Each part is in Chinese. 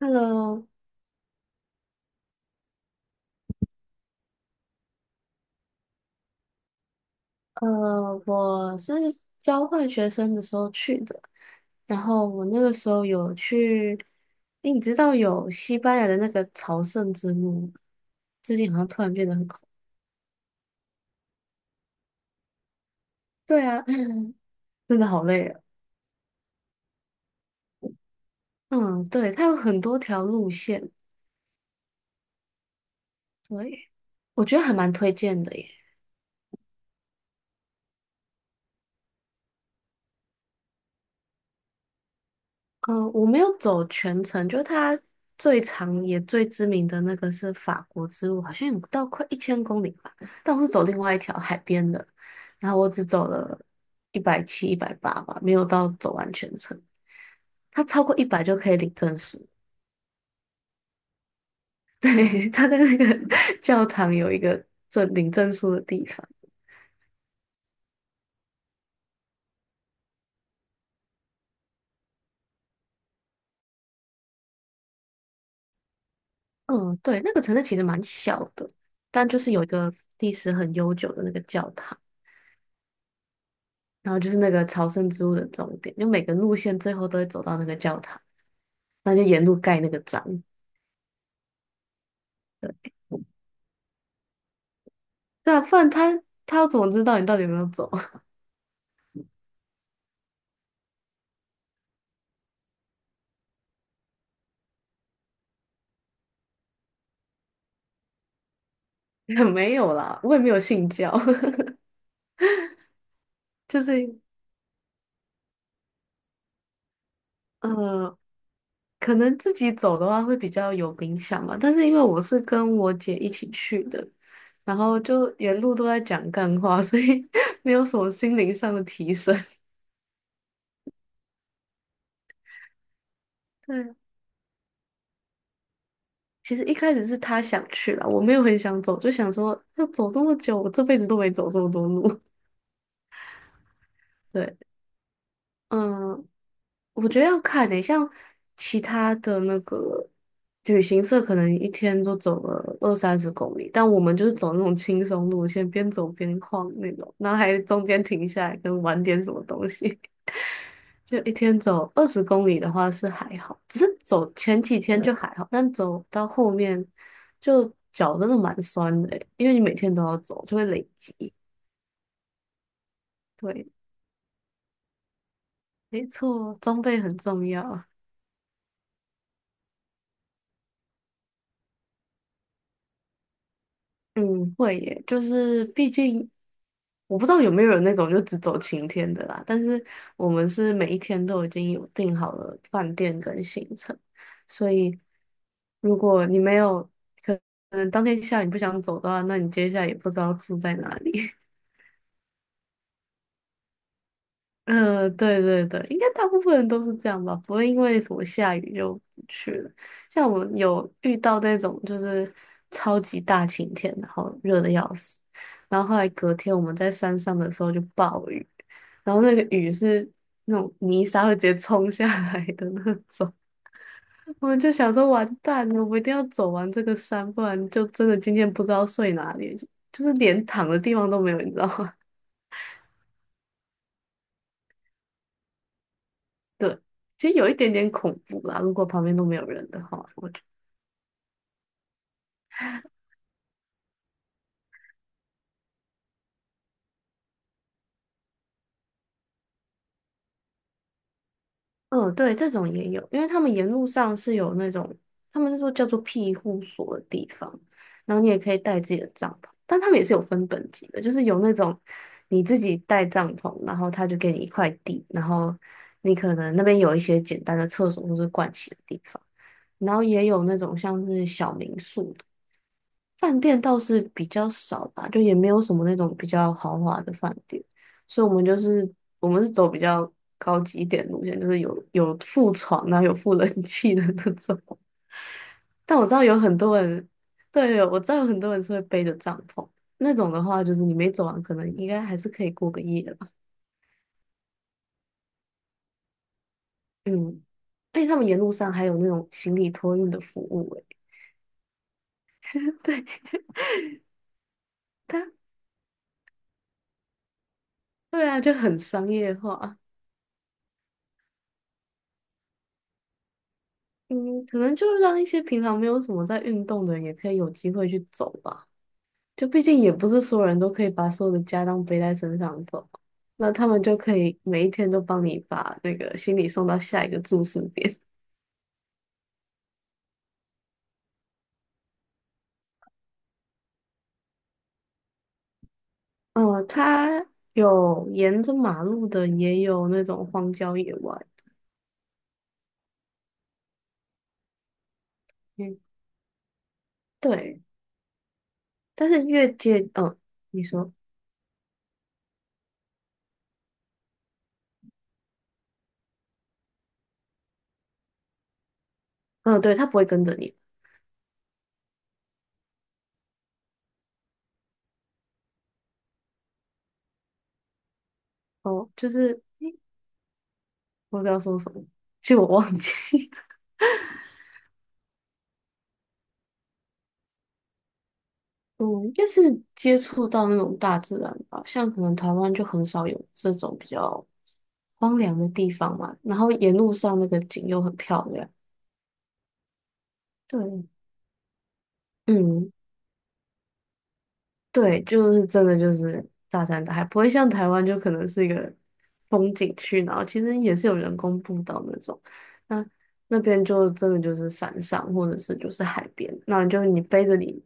Hello，我是交换学生的时候去的，然后我那个时候有去，诶，你知道有西班牙的那个朝圣之路吗？最近好像突然变得很恐，对啊，真的好累啊。嗯，对，它有很多条路线，对，我觉得还蛮推荐的耶。嗯，我没有走全程，就是它最长也最知名的那个是法国之路，好像有到快1000公里吧。但我是走另外一条海边的，然后我只走了170、180吧，没有到走完全程。它超过一百就可以领证书，对，它在那个 教堂有一个领证书的地方。嗯，对，那个城市其实蛮小的，但就是有一个历史很悠久的那个教堂。然后就是那个朝圣之路的终点，就每个路线最后都会走到那个教堂，那就沿路盖那个章。对啊，不然他要怎么知道你到底有没有走？也没有啦，我也没有信教，就是呃，可能自己走的话会比较有冥想吧。但是因为我是跟我姐一起去的，然后就沿路都在讲干话，所以 没有什么心灵上的提升。对啊，其实一开始是他想去啦，我没有很想走，就想说要走这么久，我这辈子都没走这么多路。对。嗯，我觉得要看诶，像其他的那个旅行社，可能一天都走了二三十公里，但我们就是走那种轻松路线，边走边晃那种，然后还中间停下来跟玩点什么东西。就一天走20公里的话是还好，只是走前几天就还好，但走到后面就脚真的蛮酸的诶因为你每天都要走，就会累积。对，没错，装备很重要。嗯，会耶，就是毕竟我不知道有没有人那种就只走晴天的啦，但是我们是每一天都已经有订好了饭店跟行程，所以如果你没有可能当天下雨不想走的话，那你接下来也不知道住在哪里。嗯，对对对，应该大部分人都是这样吧，不会因为什么下雨就不去了。像我们有遇到那种就是超级大晴天，然后热的要死，然后后来隔天我们在山上的时候就暴雨，然后那个雨是那种泥沙会直接冲下来的那种，我们就想说完蛋了，我们一定要走完这个山，不然就真的今天不知道睡哪里，就是连躺的地方都没有，你知道吗？其实有一点点恐怖啦，如果旁边都没有人的话。嗯，对，这种也有，因为他们沿路上是有那种，他们是说叫做庇护所的地方，然后你也可以带自己的帐篷，但他们也是有分等级的，就是有那种你自己带帐篷，然后他就给你一块地，然后你可能那边有一些简单的厕所或是盥洗的地方，然后也有那种像是小民宿的饭店倒是比较少吧，就也没有什么那种比较豪华的饭店，所以我们就是我们是走比较高级一点路线，就是有附床啊，有附冷气的那种。但我知道有很多人，对，我知道有很多人是会背着帐篷，那种的话就是你没走完，可能应该还是可以过个夜吧。嗯，而且他们沿路上还有那种行李托运的服务、欸，对，他对啊，就很商业化。嗯，可能就让一些平常没有什么在运动的人，也可以有机会去走吧。就毕竟也不是所有人都可以把所有的家当背在身上走，那他们就可以每一天都帮你把那个行李送到下一个住宿点。哦，它有沿着马路的，也有那种荒郊野外。嗯，对，但是越界，嗯，你说，嗯，对，它不会跟着你。哦，就是，诶我不知道说什么，其实我忘记。嗯，应该是接触到那种大自然吧，像可能台湾就很少有这种比较荒凉的地方嘛，然后沿路上那个景又很漂亮。对。嗯，对，就是真的就是大山大海，不会像台湾就可能是一个风景区，然后其实也是有人工步道那种，那那边就真的就是山上或者是就是海边，那你就你背着你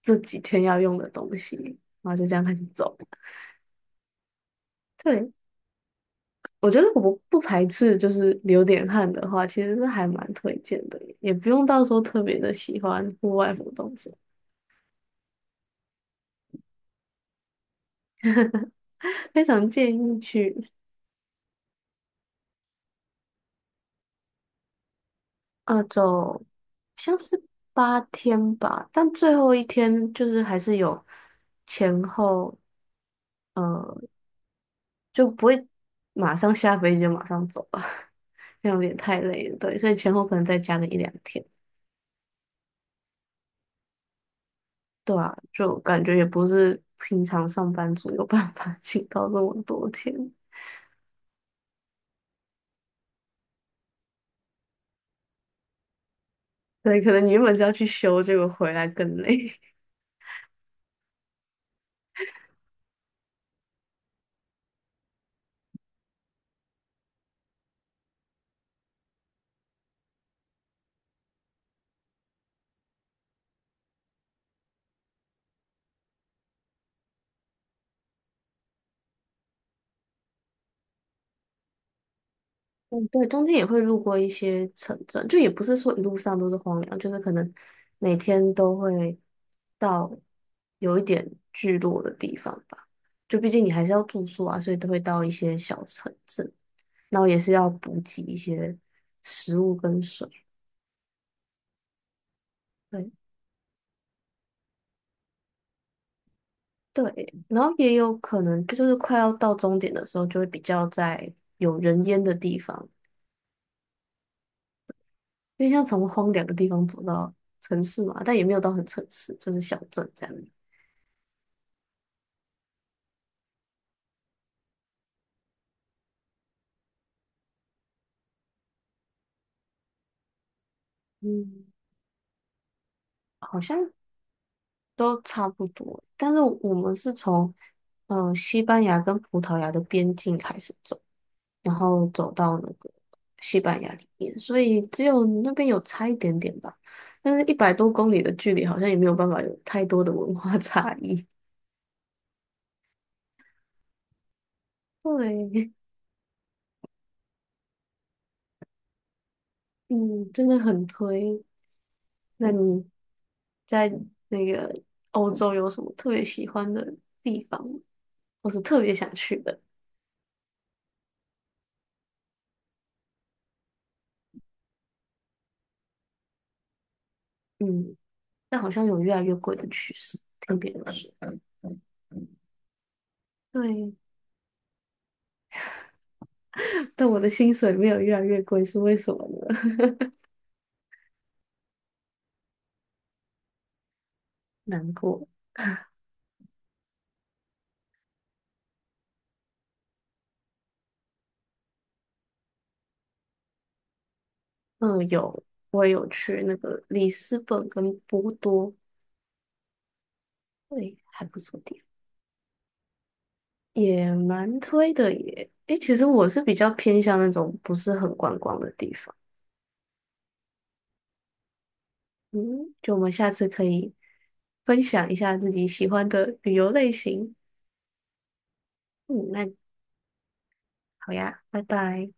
这几天要用的东西，然后就这样开始走。对。我觉得我不排斥，就是流点汗的话，其实是还蛮推荐的，也不用到时候特别的喜欢户外活动什么，非常建议去。啊走，像是8天吧，但最后一天就是还是有前后，呃，就不会马上下飞机就马上走了，这样有点太累了，对，所以前后可能再加个一两天，对啊，就感觉也不是平常上班族有办法 请到这么多天。对，可能你原本是要去修，结果回来更累。嗯，对，中间也会路过一些城镇，就也不是说一路上都是荒凉，就是可能每天都会到有一点聚落的地方吧。就毕竟你还是要住宿啊，所以都会到一些小城镇，然后也是要补给一些食物跟水。对对，然后也有可能就是快要到终点的时候，就会比较在有人烟的地方，因为像从荒凉的地方走到城市嘛，但也没有到很城市，就是小镇这样。嗯，好像都差不多，但是我们是从西班牙跟葡萄牙的边境开始走，然后走到那个西班牙里面，所以只有那边有差一点点吧，但是100多公里的距离好像也没有办法有太多的文化 差异。对。嗯，真的很推。那你在那个欧洲有什么特别喜欢的地方吗，或是特别想去的？嗯，但好像有越来越贵的趋势，听别人说，对，但我的薪水没有越来越贵，是为什么呢？难过。嗯，有，我也有去那个里斯本跟波多，对，还不错地方，也蛮推的耶。诶，其实我是比较偏向那种不是很观光的地方。嗯，就我们下次可以分享一下自己喜欢的旅游类型。嗯，那好呀，拜拜。